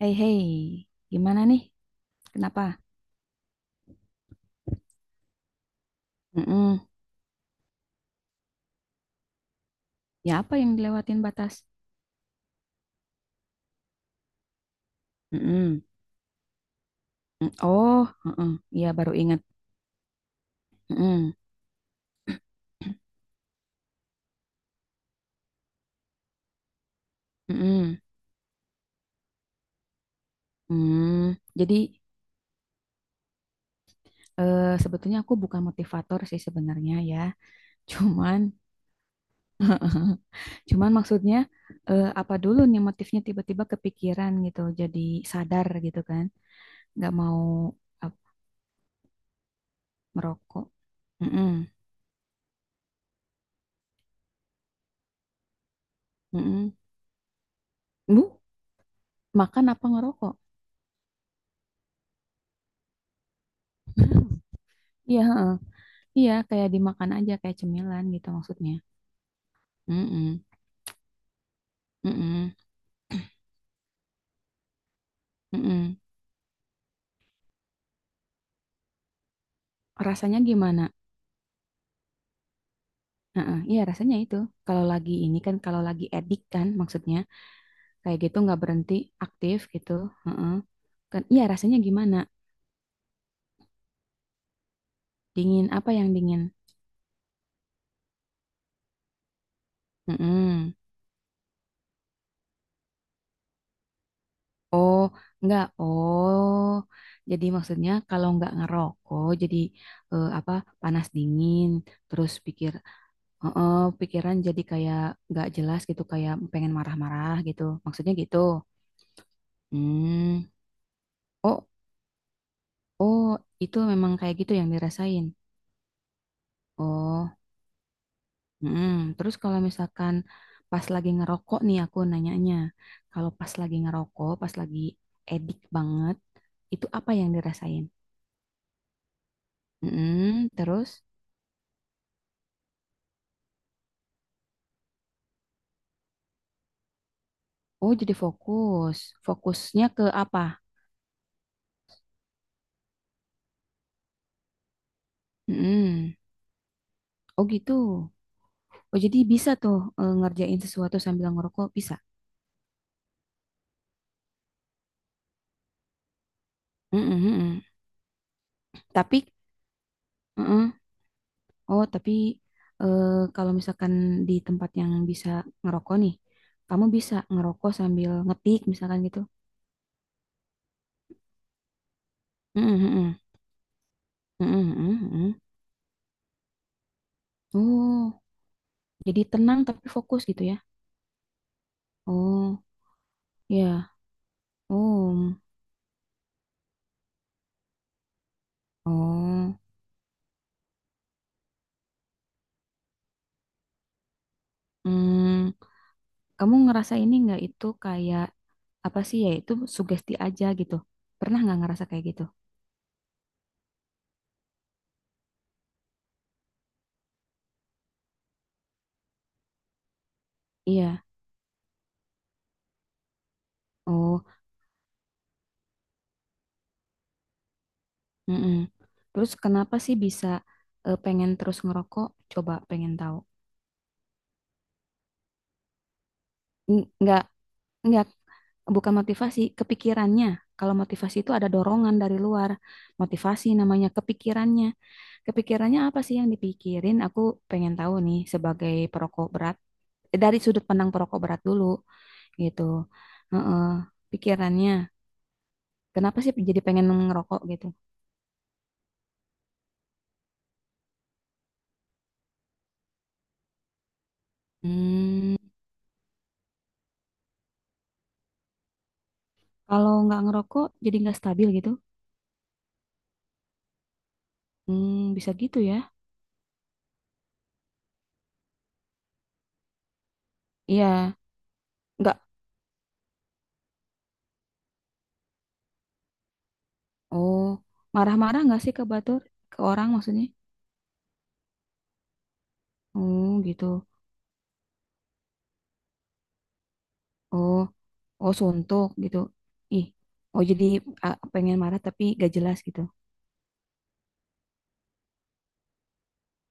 Hei, hei, gimana nih? Kenapa? Mm-mm. Ya apa yang dilewatin batas? Mm-mm. Mm, oh, mm-mm. Iya, baru ingat. Mm-mm. Mm-mm. Mm. Jadi sebetulnya aku bukan motivator sih sebenarnya ya. Cuman, cuman maksudnya apa dulu nih motifnya, tiba-tiba kepikiran gitu. Jadi sadar gitu kan. Nggak mau ap- merokok. Mm-mm. Mm-mm. Bu, makan apa ngerokok? Iya, heeh. Iya, kayak dimakan aja kayak cemilan gitu maksudnya. Mm-mm, mm-mm, mm-mm. Rasanya gimana? Heeh, iya rasanya itu. Kalau lagi ini kan, kalau lagi edik kan maksudnya kayak gitu nggak berhenti, aktif gitu. Heeh. Kan, iya rasanya gimana? Dingin apa yang dingin? Mm-mm. Oh, nggak. Oh, jadi maksudnya kalau nggak ngerokok, jadi apa, panas dingin. Terus heeh, pikiran jadi kayak nggak jelas gitu, kayak pengen marah-marah gitu. Maksudnya gitu. Hmm. Oh, oh, itu memang kayak gitu yang dirasain. Oh, mm. Terus kalau misalkan pas lagi ngerokok nih aku nanyanya, kalau pas lagi ngerokok, pas lagi edik banget, itu apa yang dirasain? Mm. Terus, oh jadi fokus. Fokusnya ke apa? Mm. Oh, gitu. Oh jadi bisa tuh ngerjain sesuatu sambil ngerokok, bisa? Mm-mm, mm-mm. Tapi, mm-mm. Oh, tapi eh, kalau misalkan di tempat yang bisa ngerokok nih, kamu bisa ngerokok sambil ngetik misalkan gitu. Mm-mm, mm-mm. Mm-mm, mm-mm, mm-mm. Oh, jadi tenang tapi fokus gitu ya? Oh, ya. Oh, oh. Hmm. Kamu ngerasa ini nggak itu kayak apa sih ya? Itu sugesti aja gitu. Pernah nggak ngerasa kayak gitu? Iya. Oh, mm-mm. Terus kenapa sih bisa pengen terus ngerokok? Coba pengen tahu. N- Nggak, nggak, bukan motivasi, kepikirannya. Kalau motivasi itu ada dorongan dari luar. Motivasi namanya kepikirannya. Kepikirannya apa sih yang dipikirin? Aku pengen tahu nih sebagai perokok berat. Dari sudut pandang perokok berat dulu gitu. Heeh, pikirannya. Kenapa sih jadi pengen ngerokok gitu? Hmm, kalau nggak ngerokok jadi nggak stabil gitu. Hmm, bisa gitu ya. Iya. Enggak. Oh, marah-marah enggak sih ke Batur? Ke orang maksudnya? Oh, gitu. Oh, oh suntuk gitu. Ih, oh jadi pengen marah tapi gak jelas gitu.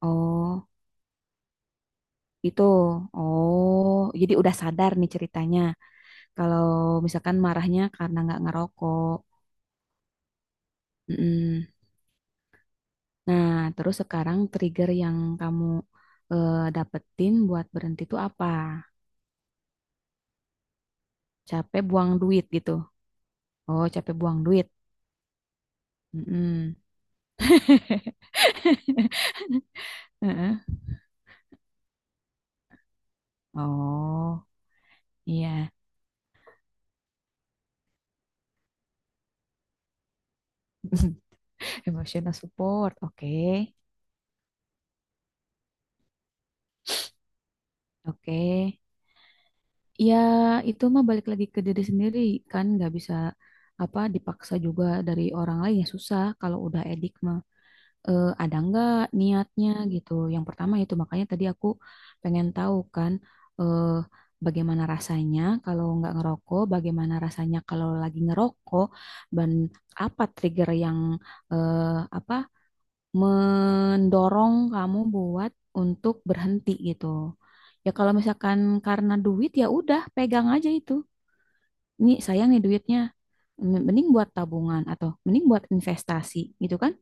Oh, itu. Oh, jadi udah sadar nih ceritanya. Kalau misalkan marahnya karena nggak ngerokok. Mm-mm. Nah, terus sekarang trigger yang kamu dapetin buat berhenti itu apa? Capek buang duit gitu. Oh, capek buang duit. Mm-mm. Oh, iya. Emotional support. Oke. Oke. Ya, itu mah balik lagi ke diri sendiri, kan nggak bisa apa dipaksa juga dari orang lain, ya susah kalau udah edik mah. Eh, ada nggak niatnya gitu. Yang pertama itu makanya tadi aku pengen tahu kan eh, bagaimana rasanya kalau nggak ngerokok, bagaimana rasanya kalau lagi ngerokok, dan apa trigger yang apa mendorong kamu buat untuk berhenti gitu. Ya kalau misalkan karena duit ya udah pegang aja itu. Nih sayang nih duitnya, mending buat tabungan atau mending buat investasi gitu kan?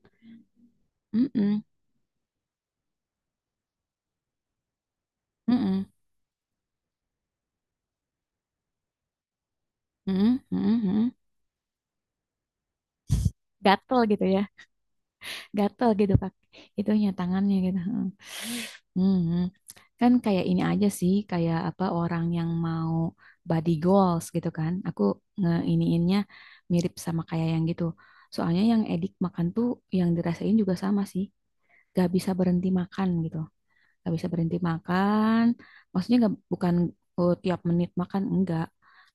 Mm-mm, mm-mm, mm-mm, mm-mm, mm-mm. Gatel gitu ya, gatel gitu pak, itunya tangannya gitu. Hmm, kan kayak ini aja sih, kayak apa, orang yang mau body goals gitu kan. Aku ngeiniinnya mirip sama kayak yang gitu. Soalnya yang edik makan tuh, yang dirasain juga sama sih, gak bisa berhenti makan gitu, nggak bisa berhenti makan maksudnya, nggak, bukan oh tiap menit makan, enggak,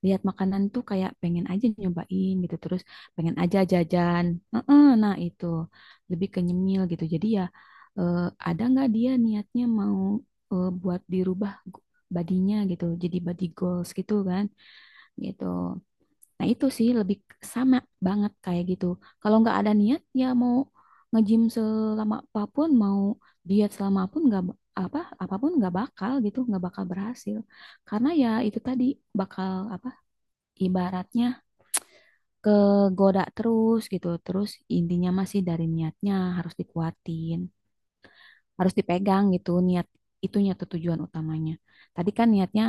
lihat makanan tuh kayak pengen aja nyobain gitu, terus pengen aja jajan. Heeh, nah itu lebih ke nyemil gitu, jadi ya eh, ada nggak dia niatnya mau buat dirubah badinya gitu jadi body goals gitu kan, gitu. Nah, itu sih lebih sama banget kayak gitu. Kalau nggak ada niat, ya mau nge-gym selama apapun, mau diet selama apapun nggak apapun nggak bakal gitu, nggak bakal berhasil. Karena ya itu tadi, bakal apa ibaratnya, kegoda terus gitu. Terus intinya masih dari niatnya harus dikuatin, harus dipegang gitu niat itunya tuh, tujuan utamanya. Tadi kan niatnya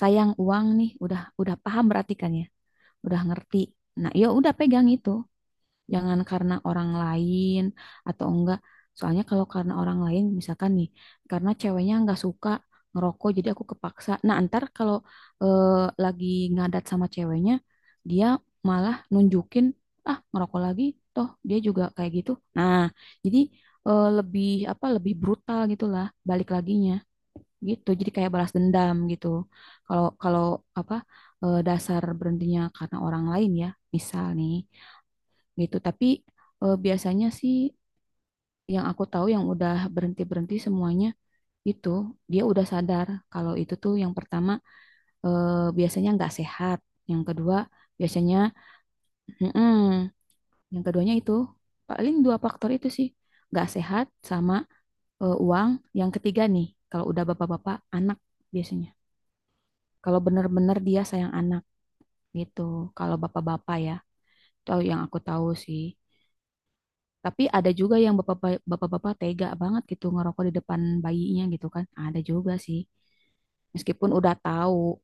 sayang uang nih, udah paham berarti kan ya, udah ngerti. Nah, ya udah pegang itu. Jangan karena orang lain atau enggak. Soalnya kalau karena orang lain, misalkan nih, karena ceweknya enggak suka ngerokok, jadi aku kepaksa. Nah, antar kalau eh, lagi ngadat sama ceweknya, dia malah nunjukin, ah, ngerokok lagi, toh dia juga kayak gitu. Nah, jadi lebih apa, lebih brutal gitulah balik laginya gitu. Jadi kayak balas dendam gitu. Kalau kalau apa dasar berhentinya karena orang lain ya, misal nih gitu. Tapi biasanya sih yang aku tahu yang udah berhenti-berhenti semuanya itu, dia udah sadar kalau itu tuh yang pertama biasanya nggak sehat, yang kedua biasanya, mm-mm, yang keduanya itu paling dua faktor itu sih, nggak sehat sama uang. Yang ketiga nih kalau udah bapak-bapak anak biasanya. Kalau bener-bener dia sayang anak gitu. Kalau bapak-bapak ya, itu yang aku tahu sih. Tapi ada juga yang bapak-bapak tega banget gitu ngerokok di depan bayinya gitu kan. Ada juga sih. Meskipun udah tahu.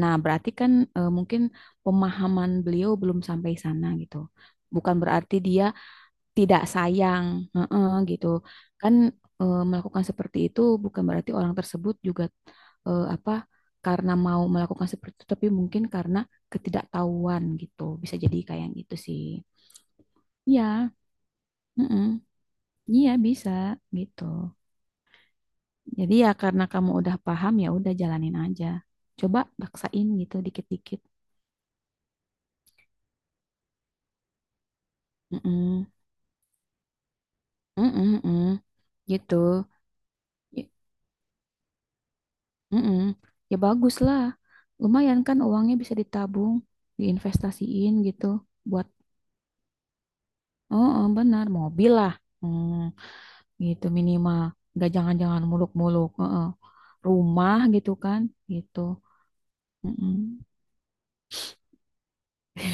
Nah, berarti kan mungkin pemahaman beliau belum sampai sana gitu. Bukan berarti dia tidak sayang, heeh, gitu. Kan melakukan seperti itu bukan berarti orang tersebut juga apa, karena mau melakukan seperti itu, tapi mungkin karena ketidaktahuan gitu. Bisa jadi kayak gitu sih. Ya, heeh. Iya bisa gitu. Jadi ya karena kamu udah paham, ya udah jalanin aja. Coba baksain gitu dikit-dikit. Mm-mm. Mm-mm, mm. Gitu. Y- Mm-mm. Ya bagus lah. Lumayan kan uangnya bisa ditabung, diinvestasiin gitu buat, oh, oh, benar, mobil lah. Hmm, gitu minimal. Gak jangan-jangan muluk-muluk. Heeh. Rumah gitu kan, gitu. Mm-mm.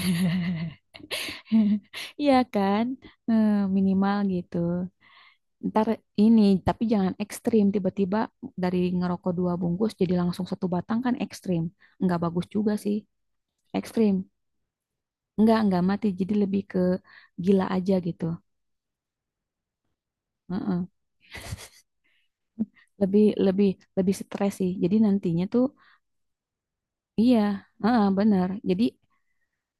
Iya kan? Eh, minimal gitu. Ntar ini, tapi jangan ekstrim. Tiba-tiba dari ngerokok 2 bungkus jadi langsung 1 batang, kan ekstrim. Nggak bagus juga sih, ekstrim. Nggak mati. Jadi lebih ke gila aja gitu. Heeh. Lebih, lebih, lebih stres sih. Jadi nantinya tuh, iya, heeh, benar. Jadi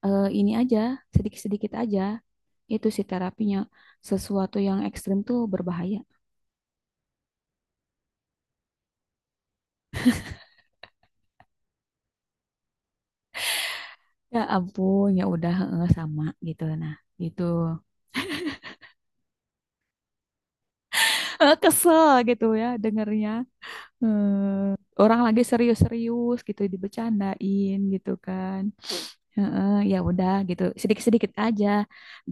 ini aja, sedikit-sedikit aja. Itu sih terapinya. Sesuatu yang ekstrim tuh berbahaya. Ya ampun, ya udah heeh, sama gitu. Nah, gitu. Eh, kesel gitu ya dengernya. Eh, orang lagi serius-serius gitu dibecandain gitu kan. Heeh, ya udah gitu. Sedikit-sedikit aja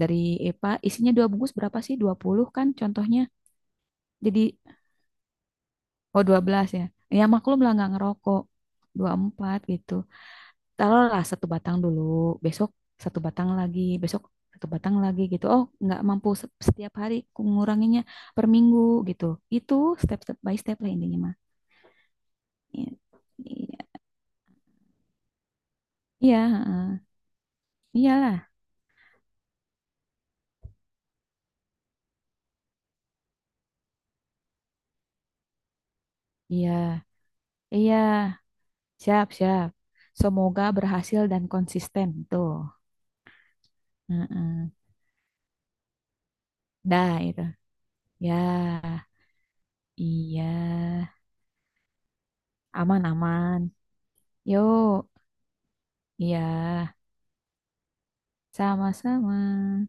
dari EPA isinya 2 bungkus berapa sih? 20 kan contohnya. Jadi oh, 12 ya. Ya maklum lah nggak ngerokok. 24 gitu. Taruhlah 1 batang dulu, besok 1 batang lagi, besok 1 batang lagi gitu. Oh, nggak mampu setiap hari ku nguranginnya, per minggu gitu. Itu step step by step lah intinya mah. Iya, iya, iya, heeh. Iyalah, iya, iya, siap siap. Semoga berhasil dan konsisten tuh. Heeh. Dah itu. Ya, iya, aman aman. Yuk, iya, sama-sama.